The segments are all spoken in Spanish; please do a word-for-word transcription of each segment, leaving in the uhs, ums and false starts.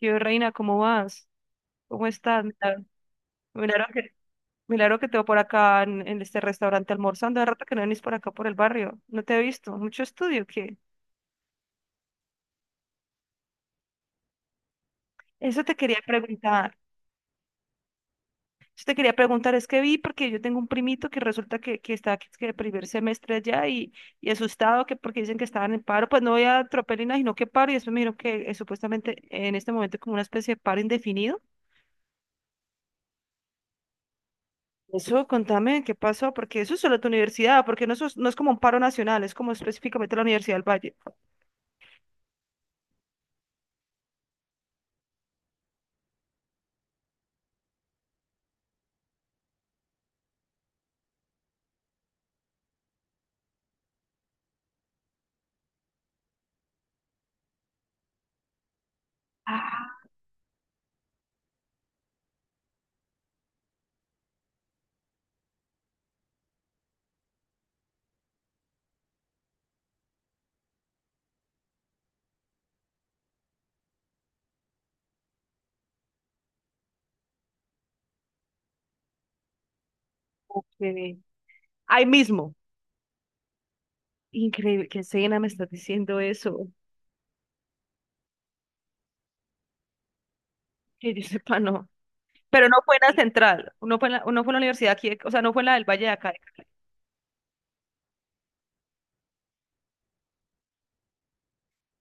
Yo, Reina, ¿cómo vas? ¿Cómo estás? Milagro, milagro que, milagro que te veo por acá en, en este restaurante almorzando. De rato que no venís por acá por el barrio. No te he visto. Mucho estudio, ¿qué? Eso te quería preguntar. Eso te quería preguntar. Es que vi porque yo tengo un primito que resulta que, que está aquí, que de primer semestre allá y, y asustado que porque dicen que estaban en paro. Pues no voy a tropelina, sino que paro. Y después me dijeron que eh, supuestamente en este momento como una especie de paro indefinido. Eso, contame qué pasó, porque eso es solo tu universidad, porque no, sos- no es como un paro nacional, es como específicamente la Universidad del Valle. Ah, ok. Ahí mismo. Increíble, qué cena me estás diciendo eso. Que yo sepa, no. Pero no fue en la central, no fue en la, no fue en la universidad aquí, de- o sea, no fue en la del Valle de acá.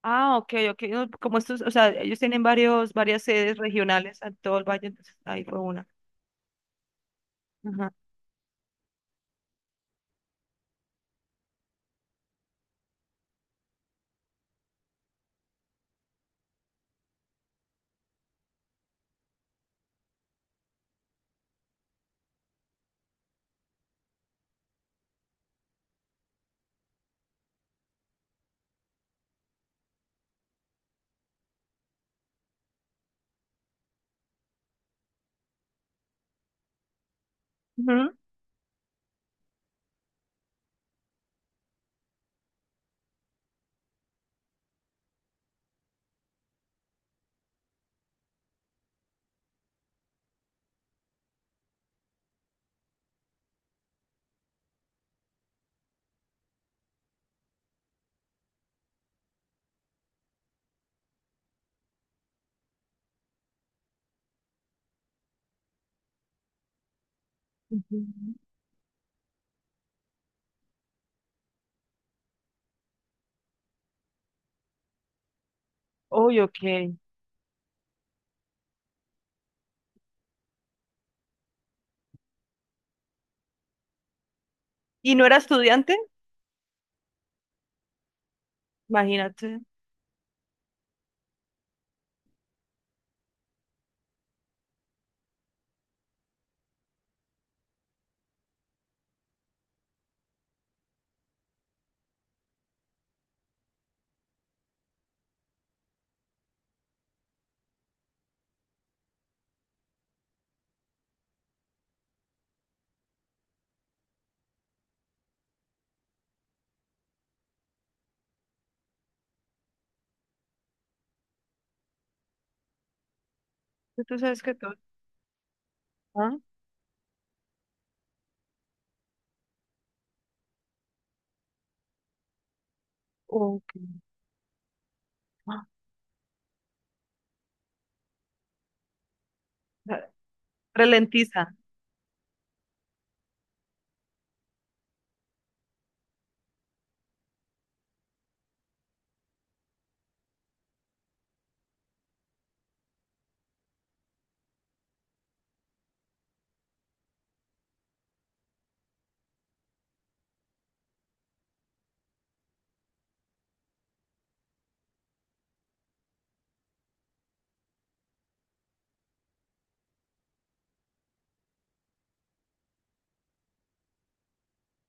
Ah, ok, ok. No, como estos, o sea, ellos tienen varios, varias sedes regionales en todo el Valle, entonces ahí fue una. Ajá. Ujú. Ujú. Uy, ok. ¿Y no era estudiante? Imagínate. Tú sabes que todo. Ok. Ah, re- ralentiza.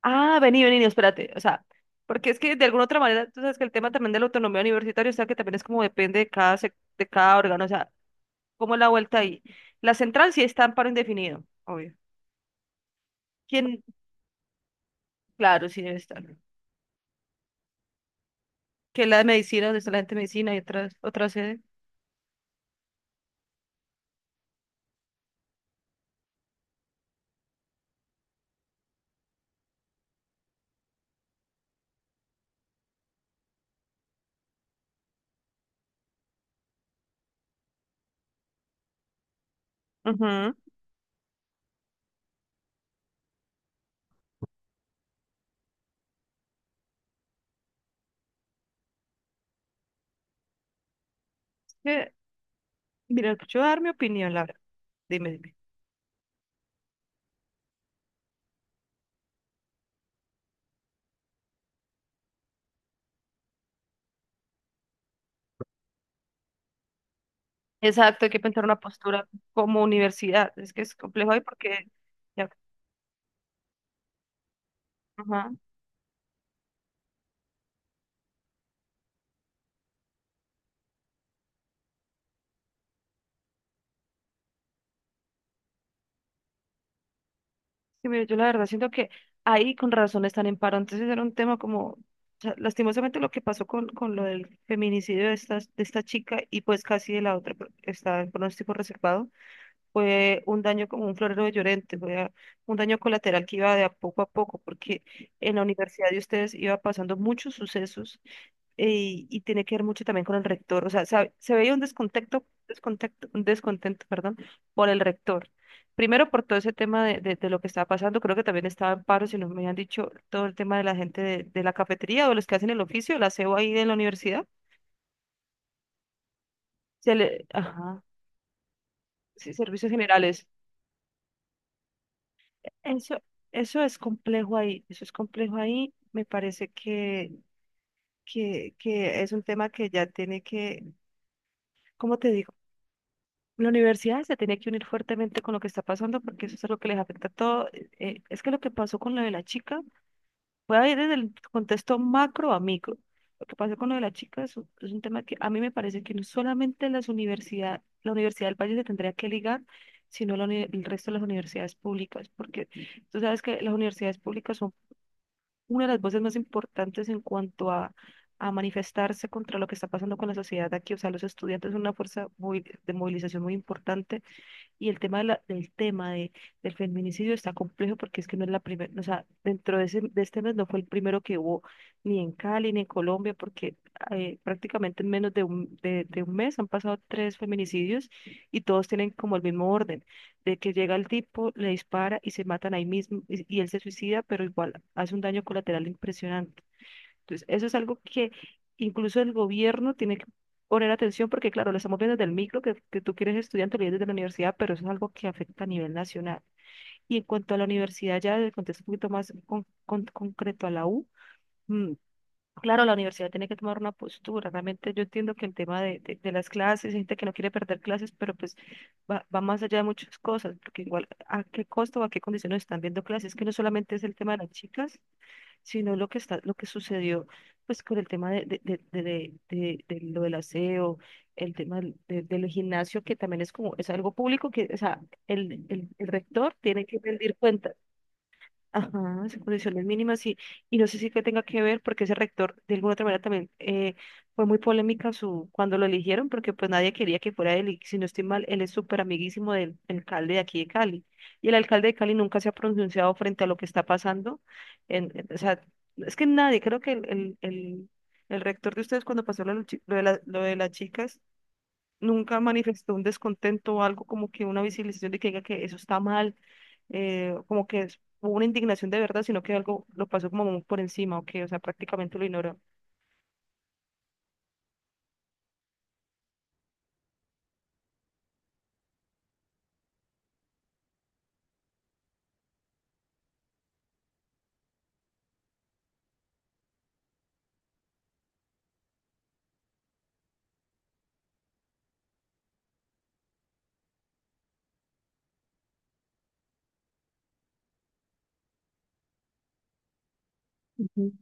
Ah, vení, vení, espérate. O sea, porque es que de alguna otra manera, tú sabes que el tema también de la autonomía universitaria, o sea, que también es como depende de cada, sec- de cada órgano, o sea, ¿cómo es la vuelta ahí? La central sí está en paro indefinido, obvio. ¿Quién? Claro, sí debe estar. Que la de medicina, donde está la gente de medicina y otras, otra sede. Ujú. Que, mira, yo voy a dar mi opinión, la verdad. Dime, dime. Exacto, hay que pensar una postura como universidad. Es que es complejo ahí porque... Ya, ajá. Sí, mire, yo la verdad siento que ahí con razón están en paro. Entonces era un tema como, o sea, lastimosamente lo que pasó con, con lo del feminicidio de esta, de esta chica y pues casi de la otra, pero está en pronóstico reservado, fue un daño como un florero de Llorente, fue a- un daño colateral que iba de a poco a poco, porque en la universidad de ustedes iba pasando muchos sucesos y, y tiene que ver mucho también con el rector. O sea, sa- se veía un descontento, descontento, un descontento, perdón, por el rector. Primero por todo ese tema de, de, de lo que estaba pasando, creo que también estaba en paro, si no me han dicho todo el tema de la gente de, de la cafetería o los que hacen el oficio, la aseo ahí de la universidad. Se le, ajá, sí, servicios generales. Eso, eso es complejo ahí, eso es complejo ahí. Me parece que, que, que es un tema que ya tiene que, ¿cómo te digo? La universidad se tiene que unir fuertemente con lo que está pasando porque eso es lo que les afecta a todo. Eh, eh, es que lo que pasó con lo de la chica, voy a ir desde el contexto macro a micro. Lo que pasó con lo de la chica es un, es un tema que a mí me parece que no solamente las universidades, la Universidad del Valle se tendría que ligar, sino la uni- el resto de las universidades públicas, porque tú sabes que las universidades públicas son una de las voces más importantes en cuanto a, a manifestarse contra lo que está pasando con la sociedad de aquí. O sea, los estudiantes son una fuerza muy- de movilización muy importante y el tema de la- del tema de, del feminicidio está complejo porque es que no es la primera, o sea, dentro de, ese, de este mes no fue el primero que hubo ni en Cali ni en Colombia, porque eh, prácticamente en menos de un, de, de un mes han pasado tres feminicidios y todos tienen como el mismo orden, de que llega el tipo, le dispara y se matan ahí mismo y, y él se suicida, pero igual hace un daño colateral impresionante. Entonces, eso es algo que incluso el gobierno tiene que poner atención porque, claro, lo estamos viendo desde el micro, que, que tú quieres estudiar te lo ves desde la universidad, pero eso es algo que afecta a nivel nacional. Y en cuanto a la universidad, ya desde el contexto un poquito más con- con- concreto a la U, mm, claro, la universidad tiene que tomar una postura. Realmente yo entiendo que el tema de, de, de las clases, hay gente que no quiere perder clases, pero pues va, va más allá de muchas cosas, porque igual a qué costo o a qué condiciones están viendo clases, que no solamente es el tema de las chicas sino lo que está, lo que sucedió pues con el tema de, de, de, de, de- de- de lo del aseo, el tema del, de- del gimnasio, que también es como, es algo público, que, o sea, el, el, el rector tiene que rendir cuentas. Ajá, son condiciones mínimas y, y no sé si que tenga que ver porque ese rector de alguna otra manera también eh, fue muy polémica su, cuando lo eligieron porque pues nadie quería que fuera él y si no estoy mal, él es súper amiguísimo del alcalde de aquí de Cali y el alcalde de Cali nunca se ha pronunciado frente a lo que está pasando. En, en- o sea, es que nadie, creo que el, el, el, el rector de ustedes cuando pasó lo, de los chi- lo de la- lo de las chicas nunca manifestó un descontento o algo como que una visibilización de que diga que eso está mal eh, como que es- hubo una indignación de verdad, sino que algo lo pasó como muy por encima, o que, o sea, prácticamente lo ignoró. Ujú.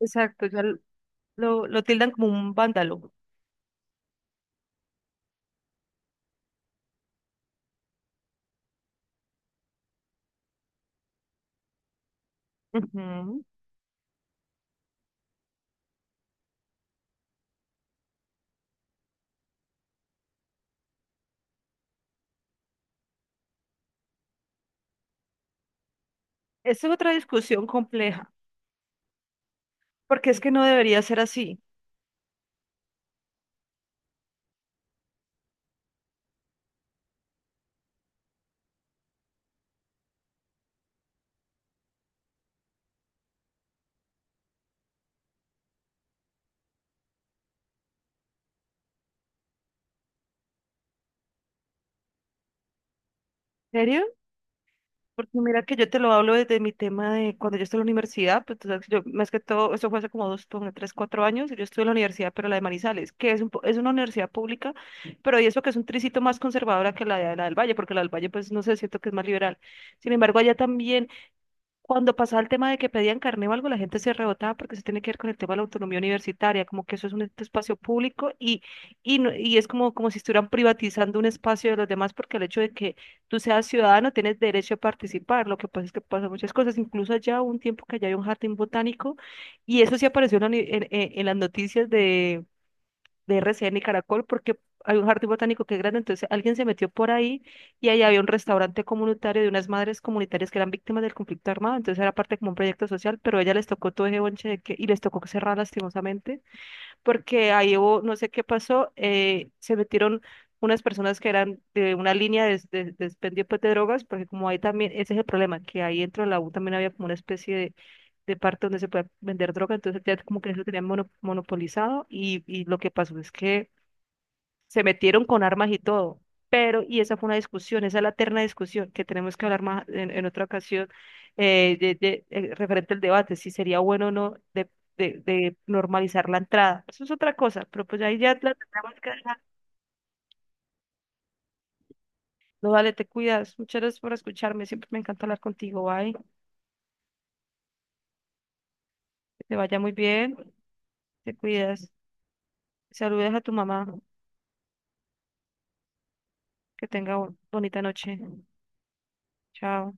Exacto, ya lo, lo lo tildan como un vándalo. Ujú. Esa es otra discusión compleja, porque es que no debería ser así. ¿En serio? Porque mira que yo te lo hablo desde mi tema de cuando yo estuve en la universidad, pues tú sabes que yo más que todo, eso fue hace como dos, ponle, tres, cuatro años, y yo estuve en la universidad, pero la de Manizales, que es, un po- es una universidad pública, pero y eso que es un tricito más conservadora que la de la del Valle, porque la del Valle pues no sé, siento que es más liberal. Sin embargo, allá también cuando pasaba el tema de que pedían carné o algo, la gente se rebotaba porque se tiene que ver con el tema de la autonomía universitaria, como que eso es un este espacio público y, y, no- y es como, como si estuvieran privatizando un espacio de los demás porque el hecho de que tú seas ciudadano tienes derecho a participar. Lo que pasa es que pasan muchas cosas, incluso allá hubo un tiempo que allá hay un jardín botánico y eso sí apareció en, la ni- en en- en las noticias de R C N y Caracol porque hay un jardín botánico que es grande, entonces alguien se metió por ahí y ahí había un restaurante comunitario de unas madres comunitarias que eran víctimas del conflicto armado, entonces era parte como un proyecto social, pero a ella les tocó todo ese bonche de que, y les tocó cerrar lastimosamente porque ahí hubo, no sé qué pasó, eh, se metieron unas personas que eran de una línea de, de, de expendio, pues, de drogas, porque como ahí también, ese es el problema, que ahí dentro de la U también había como una especie de, de parte donde se puede vender droga, entonces ya como que eso tenían mono- monopolizado y, y lo que pasó es que se metieron con armas y todo. Pero, y esa fue una discusión, esa es la eterna discusión que tenemos que hablar más en, en otra ocasión eh, de, de- eh, referente al debate, si sería bueno o no de, de, de normalizar la entrada. Eso es otra cosa, pero pues ahí ya la tenemos que dejar. No, vale, te cuidas. Muchas gracias por escucharme. Siempre me encanta hablar contigo. Bye. Que te vaya muy bien. Te cuidas. Saludes a tu mamá. Que tenga bu- bonita noche. Chao.